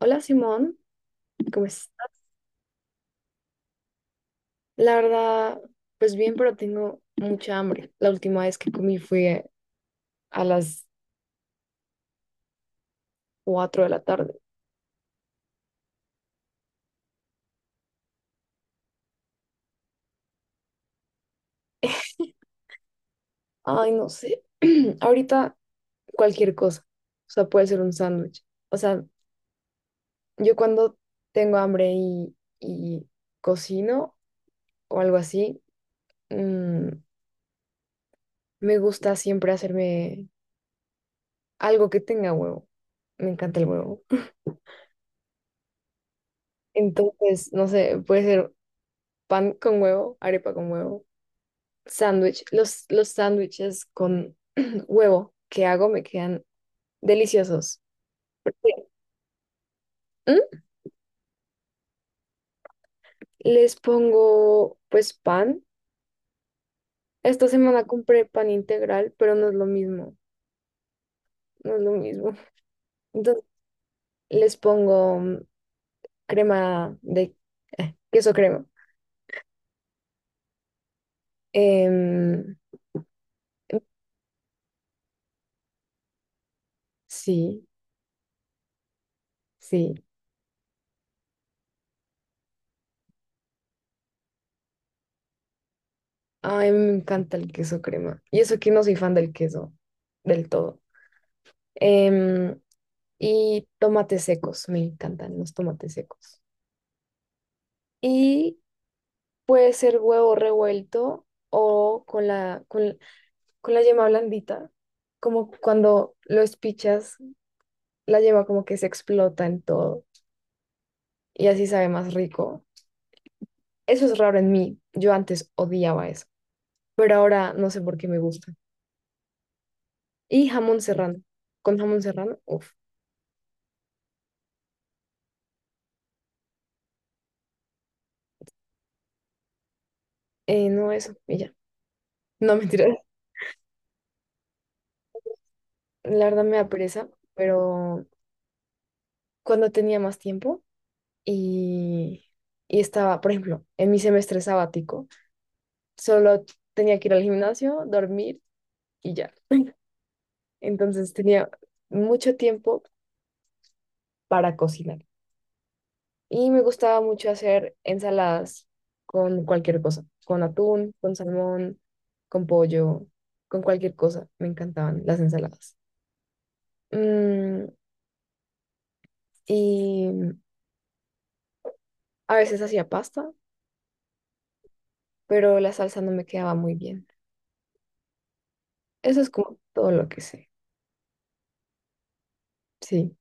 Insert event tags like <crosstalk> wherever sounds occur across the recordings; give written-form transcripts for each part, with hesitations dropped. Hola Simón, ¿cómo estás? La verdad, pues bien, pero tengo mucha hambre. La última vez que comí fue a las 4 de la tarde. <laughs> Ay, no sé. <clears throat> Ahorita cualquier cosa. O sea, puede ser un sándwich. O sea, yo cuando tengo hambre y cocino o algo así, mm, me gusta siempre hacerme algo que tenga huevo. Me encanta el huevo. <laughs> Entonces, no sé, puede ser pan con huevo, arepa con huevo. Sándwich, los sándwiches con <clears throat> huevo que hago me quedan deliciosos. ¿Mm? Les pongo pues pan. Esta semana compré pan integral, pero no es lo mismo, no es lo mismo. <laughs> Entonces les pongo crema de queso crema. Em, sí, sí. Ay, me encanta el queso crema. Y eso que no soy fan del queso del todo. Em, y tomates secos, me encantan los tomates secos. Y puede ser huevo revuelto o con con la yema blandita, como cuando lo espichas, la yema como que se explota en todo y así sabe más rico. Eso es raro en mí, yo antes odiaba eso, pero ahora no sé por qué me gusta. Y jamón serrano, con jamón serrano, uff, no eso, y ya. No, <laughs> mentira, la verdad me da pereza, pero cuando tenía más tiempo y, y estaba, por ejemplo, en mi semestre sabático, solo tenía que ir al gimnasio, dormir y ya. <laughs> Entonces tenía mucho tiempo para cocinar y me gustaba mucho hacer ensaladas con cualquier cosa, con atún, con salmón, con pollo, con cualquier cosa. Me encantaban las ensaladas. Mm, y a veces hacía pasta, pero la salsa no me quedaba muy bien. Eso es como todo lo que sé. Sí.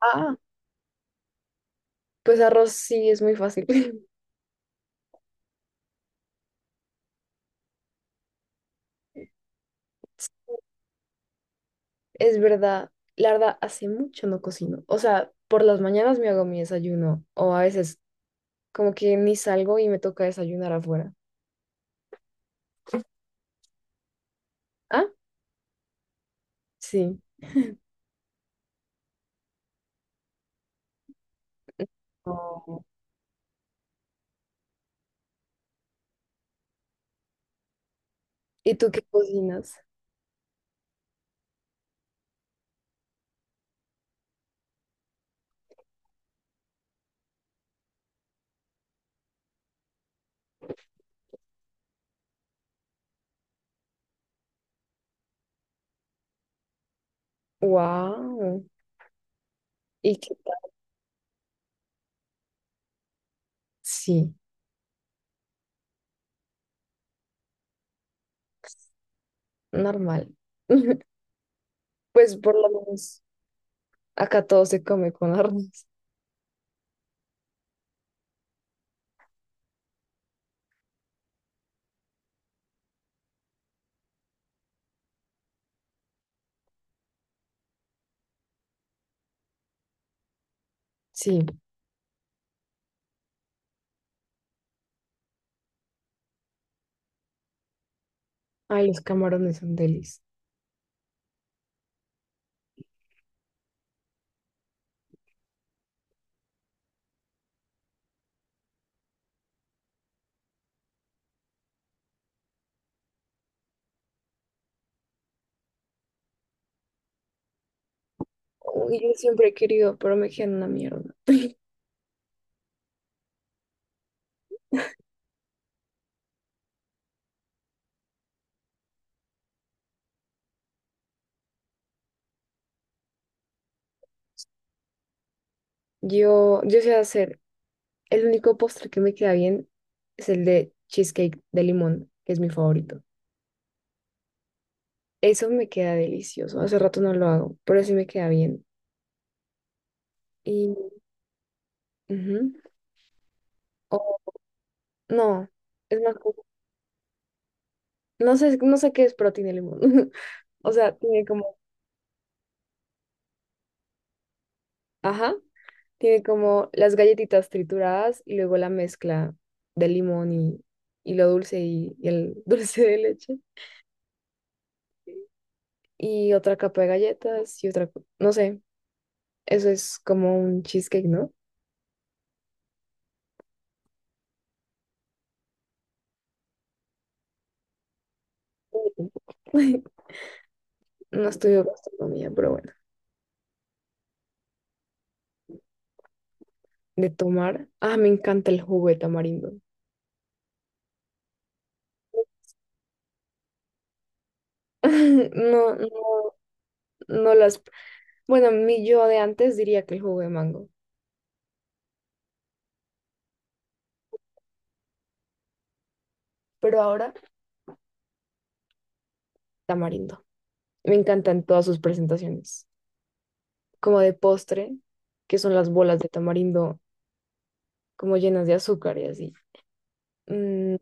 Ah, pues arroz sí es muy fácil. <laughs> Es verdad, la verdad, hace mucho no cocino. O sea, por las mañanas me hago mi desayuno o a veces como que ni salgo y me toca desayunar afuera. Ah, sí. Oh. ¿Y tú qué cocinas? Wow. ¿Y qué tal? Sí, normal. <laughs> Pues por lo menos acá todo se come con arroz. Sí. Ay, los camarones son delis. Uy, yo siempre he querido, pero me quedan una mierda. Yo sé hacer. El único postre que me queda bien es el de cheesecake de limón, que es mi favorito. Eso me queda delicioso. Hace rato no lo hago, pero sí me queda bien. Y ujú. O, no, es más, como no sé, no sé qué es, pero tiene limón. <laughs> O sea, tiene como, ajá, tiene como las galletitas trituradas y luego la mezcla de limón y lo dulce y el <laughs> dulce de leche. Y otra capa de galletas y otra, co- no sé, eso es como un cheesecake, ¿no? <laughs> No estudio gastronomía, pero bueno. De tomar. Ah, me encanta el jugo de tamarindo. <laughs> No, no, no las. Bueno, mi yo de antes diría que el jugo de mango, pero ahora tamarindo. Me encantan todas sus presentaciones. Como de postre, que son las bolas de tamarindo, como llenas de azúcar y así. Mm,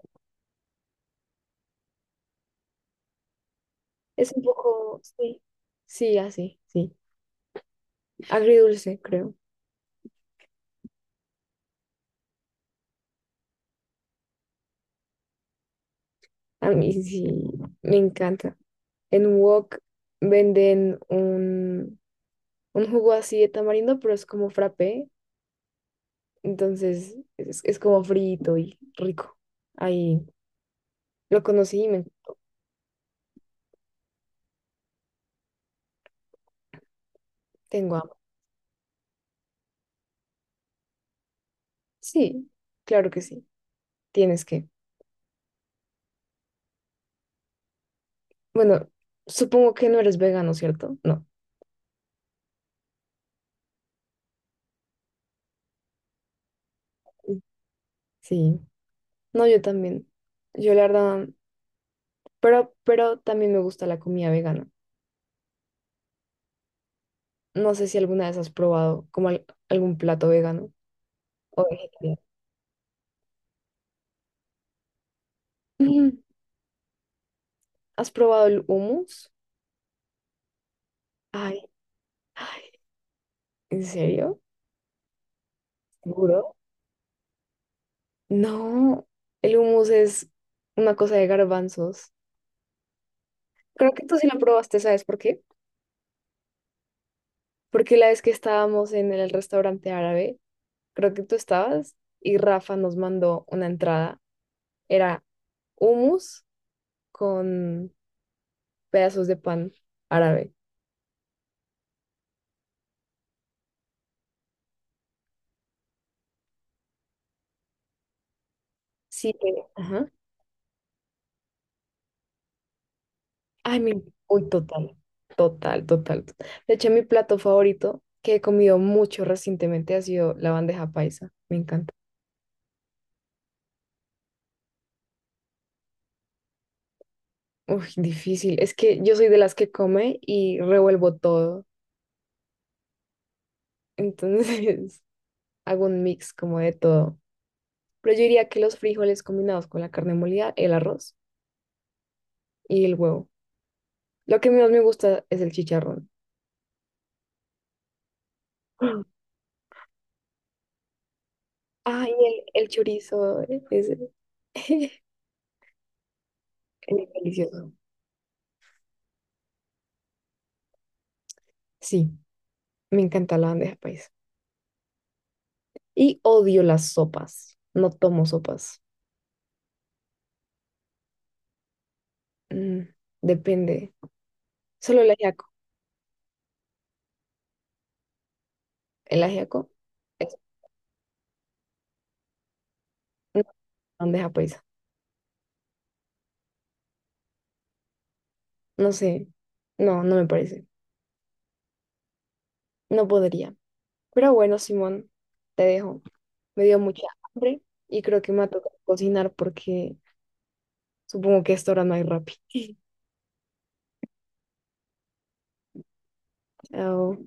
es un poco, sí, sí, así, sí. Agridulce, creo. A mí sí, me encanta. En un Wok venden un jugo así de tamarindo, pero es como frappé, entonces es como frito y rico. Ahí lo conocí y me tengo hambre. Sí, claro que sí, tienes que. Bueno, supongo que no eres vegano, ¿cierto? No. Sí, no, yo también. Yo la verdad, pero también me gusta la comida vegana. No sé si alguna vez has probado como al- algún plato vegano o vegetariano. Ujú. ¿Has probado el hummus? Ay, ay, ¿en serio? ¿Seguro? No, el hummus es una cosa de garbanzos. Creo que tú sí lo probaste, ¿sabes por qué? Porque la vez que estábamos en el restaurante árabe, creo que tú estabas y Rafa nos mandó una entrada. Era hummus con pedazos de pan árabe. Sí, ajá. Ay, mi, uy, total, total, total, total. De hecho, mi plato favorito que he comido mucho recientemente ha sido la bandeja paisa. Me encanta. Uy, difícil. Es que yo soy de las que come y revuelvo todo. Entonces <laughs> hago un mix como de todo. Pero yo diría que los frijoles combinados con la carne molida, el arroz y el huevo. Lo que más me gusta es el chicharrón. <gasps> Ah, y el chorizo es, <laughs> es delicioso. Sí, me encanta la bandeja paisa. Y odio las sopas. No tomo sopas. Mm, depende. Solo el ajiaco. El ajiaco es una bandeja paisa. No sé, no, no me parece. No podría. Pero bueno, Simón, te dejo. Me dio mucha hambre y creo que me ha tocado cocinar porque supongo que a esta hora no hay Rappi. <laughs> Chao.